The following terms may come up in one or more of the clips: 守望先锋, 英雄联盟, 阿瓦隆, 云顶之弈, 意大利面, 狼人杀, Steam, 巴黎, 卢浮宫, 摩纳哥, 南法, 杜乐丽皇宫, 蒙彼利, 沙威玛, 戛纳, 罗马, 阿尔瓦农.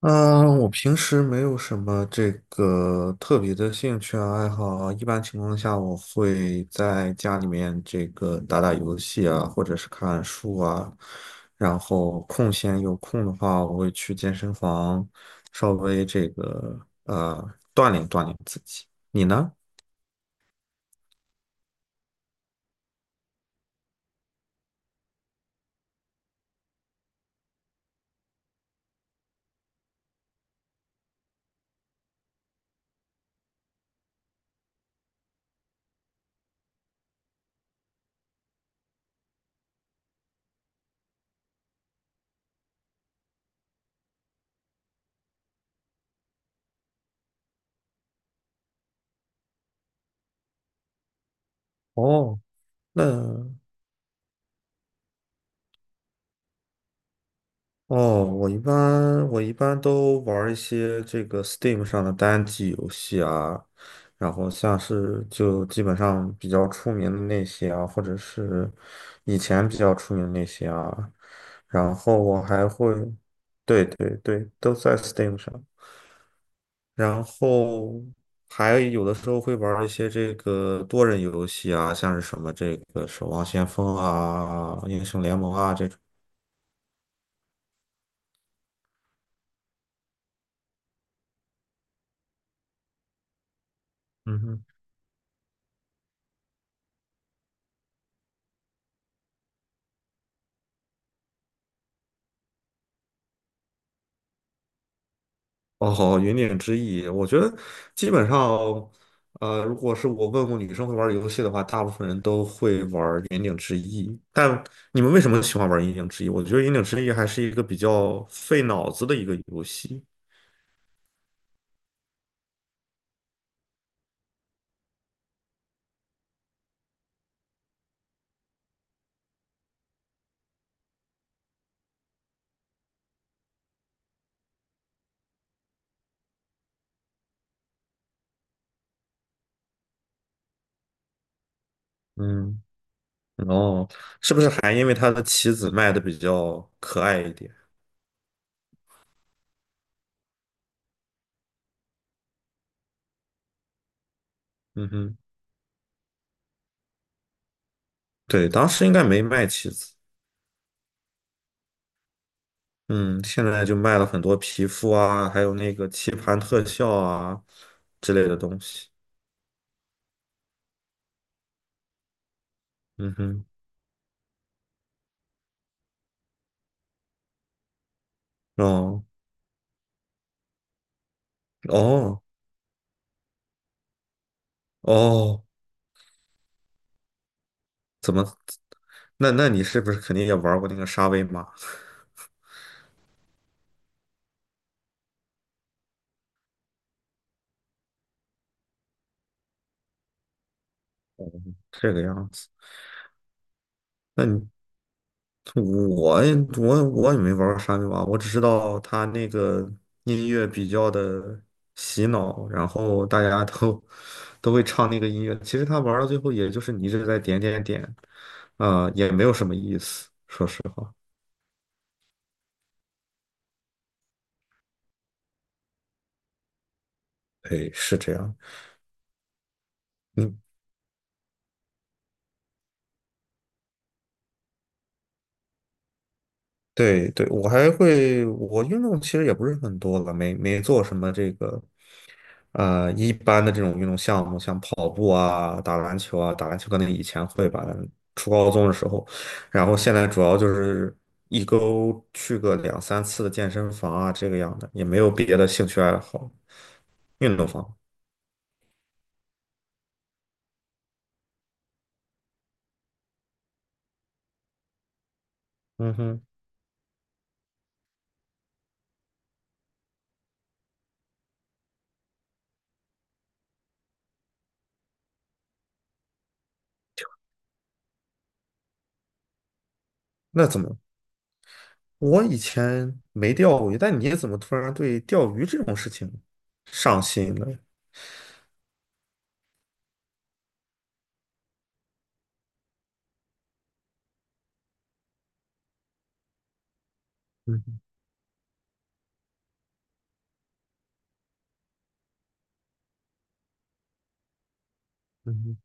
嗯，我平时没有什么这个特别的兴趣啊爱好啊一般情况下我会在家里面这个打打游戏啊，或者是看书啊，然后空闲有空的话，我会去健身房稍微这个锻炼锻炼自己。你呢？哦，那哦，我一般都玩儿一些这个 Steam 上的单机游戏啊，然后像是就基本上比较出名的那些啊，或者是以前比较出名的那些啊，然后我还会，对对对，都在 Steam 上，然后还有的时候会玩儿一些这个多人游戏啊，像是什么这个《守望先锋》啊、《英雄联盟》啊这种。嗯哼。哦，云顶之弈，我觉得基本上，如果是我问过女生会玩游戏的话，大部分人都会玩云顶之弈。但你们为什么喜欢玩云顶之弈？我觉得云顶之弈还是一个比较费脑子的一个游戏。嗯，哦，是不是还因为它的棋子卖的比较可爱一点？嗯哼，对，当时应该没卖棋子，嗯，现在就卖了很多皮肤啊，还有那个棋盘特效啊之类的东西。嗯哼。哦，哦哦，怎么？那你是不是肯定也玩过那个沙威玛？这个样子。那你我也我我也没玩过沙威玛，我只知道它那个音乐比较的洗脑，然后大家都会唱那个音乐。其实他玩到最后，也就是你一直在点点点，啊、也没有什么意思。说实话，对，是这样。嗯，对对，我还会，我运动其实也不是很多了，没做什么这个。一般的这种运动项目，像跑步啊、打篮球啊，打篮球可能以前会吧，初高中的时候，然后现在主要就是一周去个两三次的健身房啊，这个样的，也没有别的兴趣爱好，运动方。嗯哼，那怎么？我以前没钓过鱼，但你怎么突然对钓鱼这种事情上心了？嗯哼，嗯哼，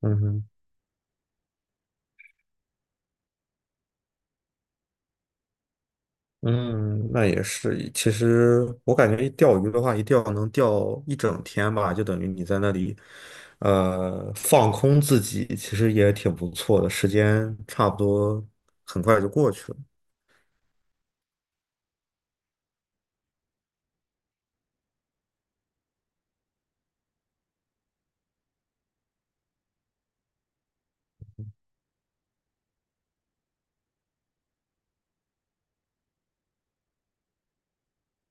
嗯哼。嗯，那也是。其实我感觉钓鱼的话，一钓能钓一整天吧，就等于你在那里，放空自己，其实也挺不错的。时间差不多很快就过去了。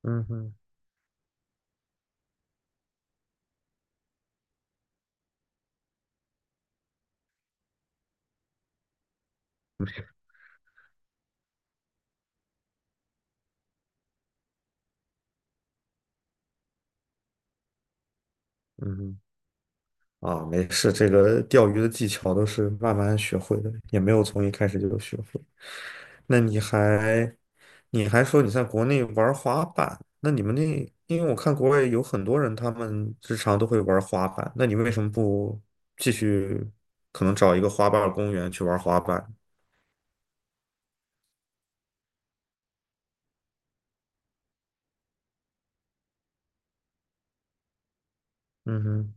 嗯哼，嗯哼。啊，没事，这个钓鱼的技巧都是慢慢学会的，也没有从一开始就学会。那你还，你还说你在国内玩滑板，那你们那，因为我看国外有很多人，他们日常都会玩滑板，那你为什么不继续，可能找一个滑板公园去玩滑板？嗯哼，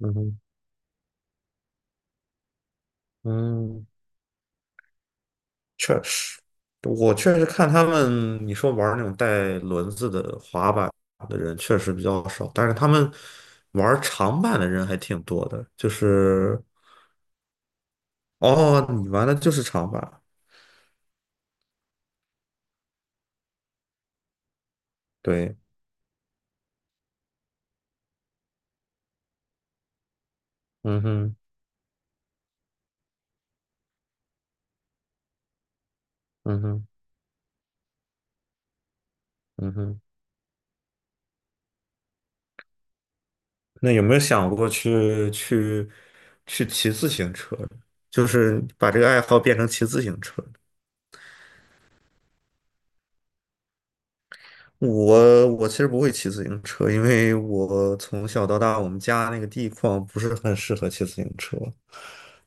嗯哼，嗯。确实，我确实看他们，你说玩那种带轮子的滑板的人确实比较少，但是他们玩长板的人还挺多的。就是，哦，你玩的就是长板，对，嗯哼，嗯哼，嗯哼。那有没有想过去骑自行车？就是把这个爱好变成骑自行车？我其实不会骑自行车，因为我从小到大，我们家那个地方不是很适合骑自行车，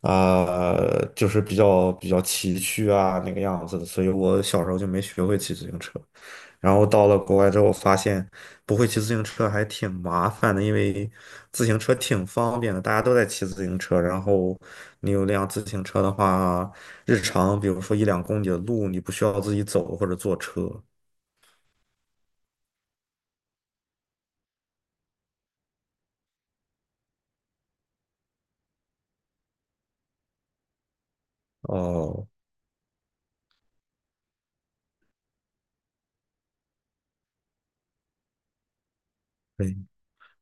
啊、就是比较崎岖啊那个样子的，所以我小时候就没学会骑自行车。然后到了国外之后，发现不会骑自行车还挺麻烦的，因为自行车挺方便的，大家都在骑自行车。然后你有辆自行车的话，日常比如说一两公里的路，你不需要自己走或者坐车。哦。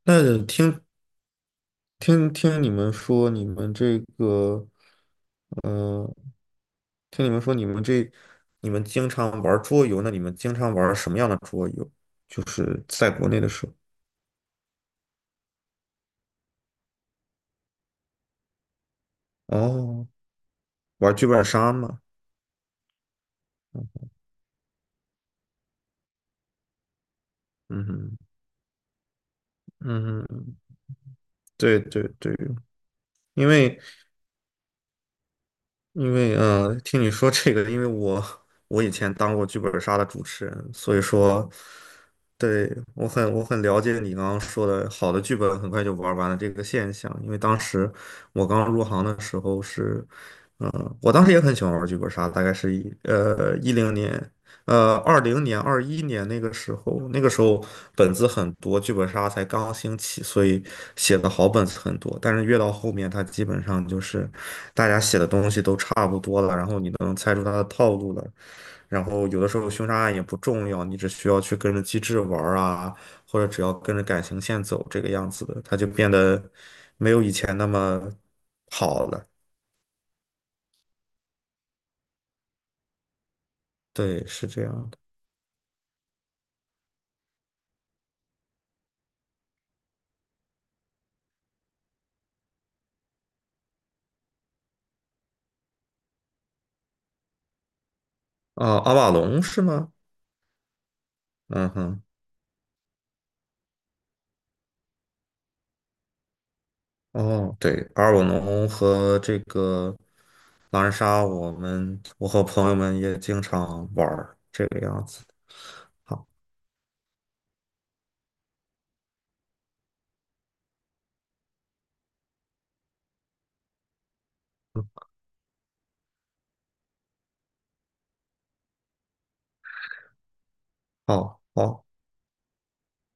那听你们说，你们这个，嗯、听你们说，你们这，你们经常玩桌游，那你们经常玩什么样的桌游？就是在国内的时候，哦，玩剧本杀吗？嗯哼，嗯哼对对对，因为因为听你说这个，因为我以前当过剧本杀的主持人，所以说，对，我很了解你刚刚说的，好的剧本很快就玩完了这个现象。因为当时我刚入行的时候是，我当时也很喜欢玩剧本杀，大概是2010年，2020年、2021年那个时候，那个时候本子很多，剧本杀才刚兴起，所以写的好本子很多。但是越到后面，它基本上就是大家写的东西都差不多了，然后你能猜出它的套路了。然后有的时候凶杀案也不重要，你只需要去跟着机制玩儿啊，或者只要跟着感情线走这个样子的，它就变得没有以前那么好了。对，是这样的。啊、阿瓦隆是吗？嗯哼。哦，对，阿尔瓦农和这个狼人杀，我和朋友们也经常玩儿这个样子。好，好，好。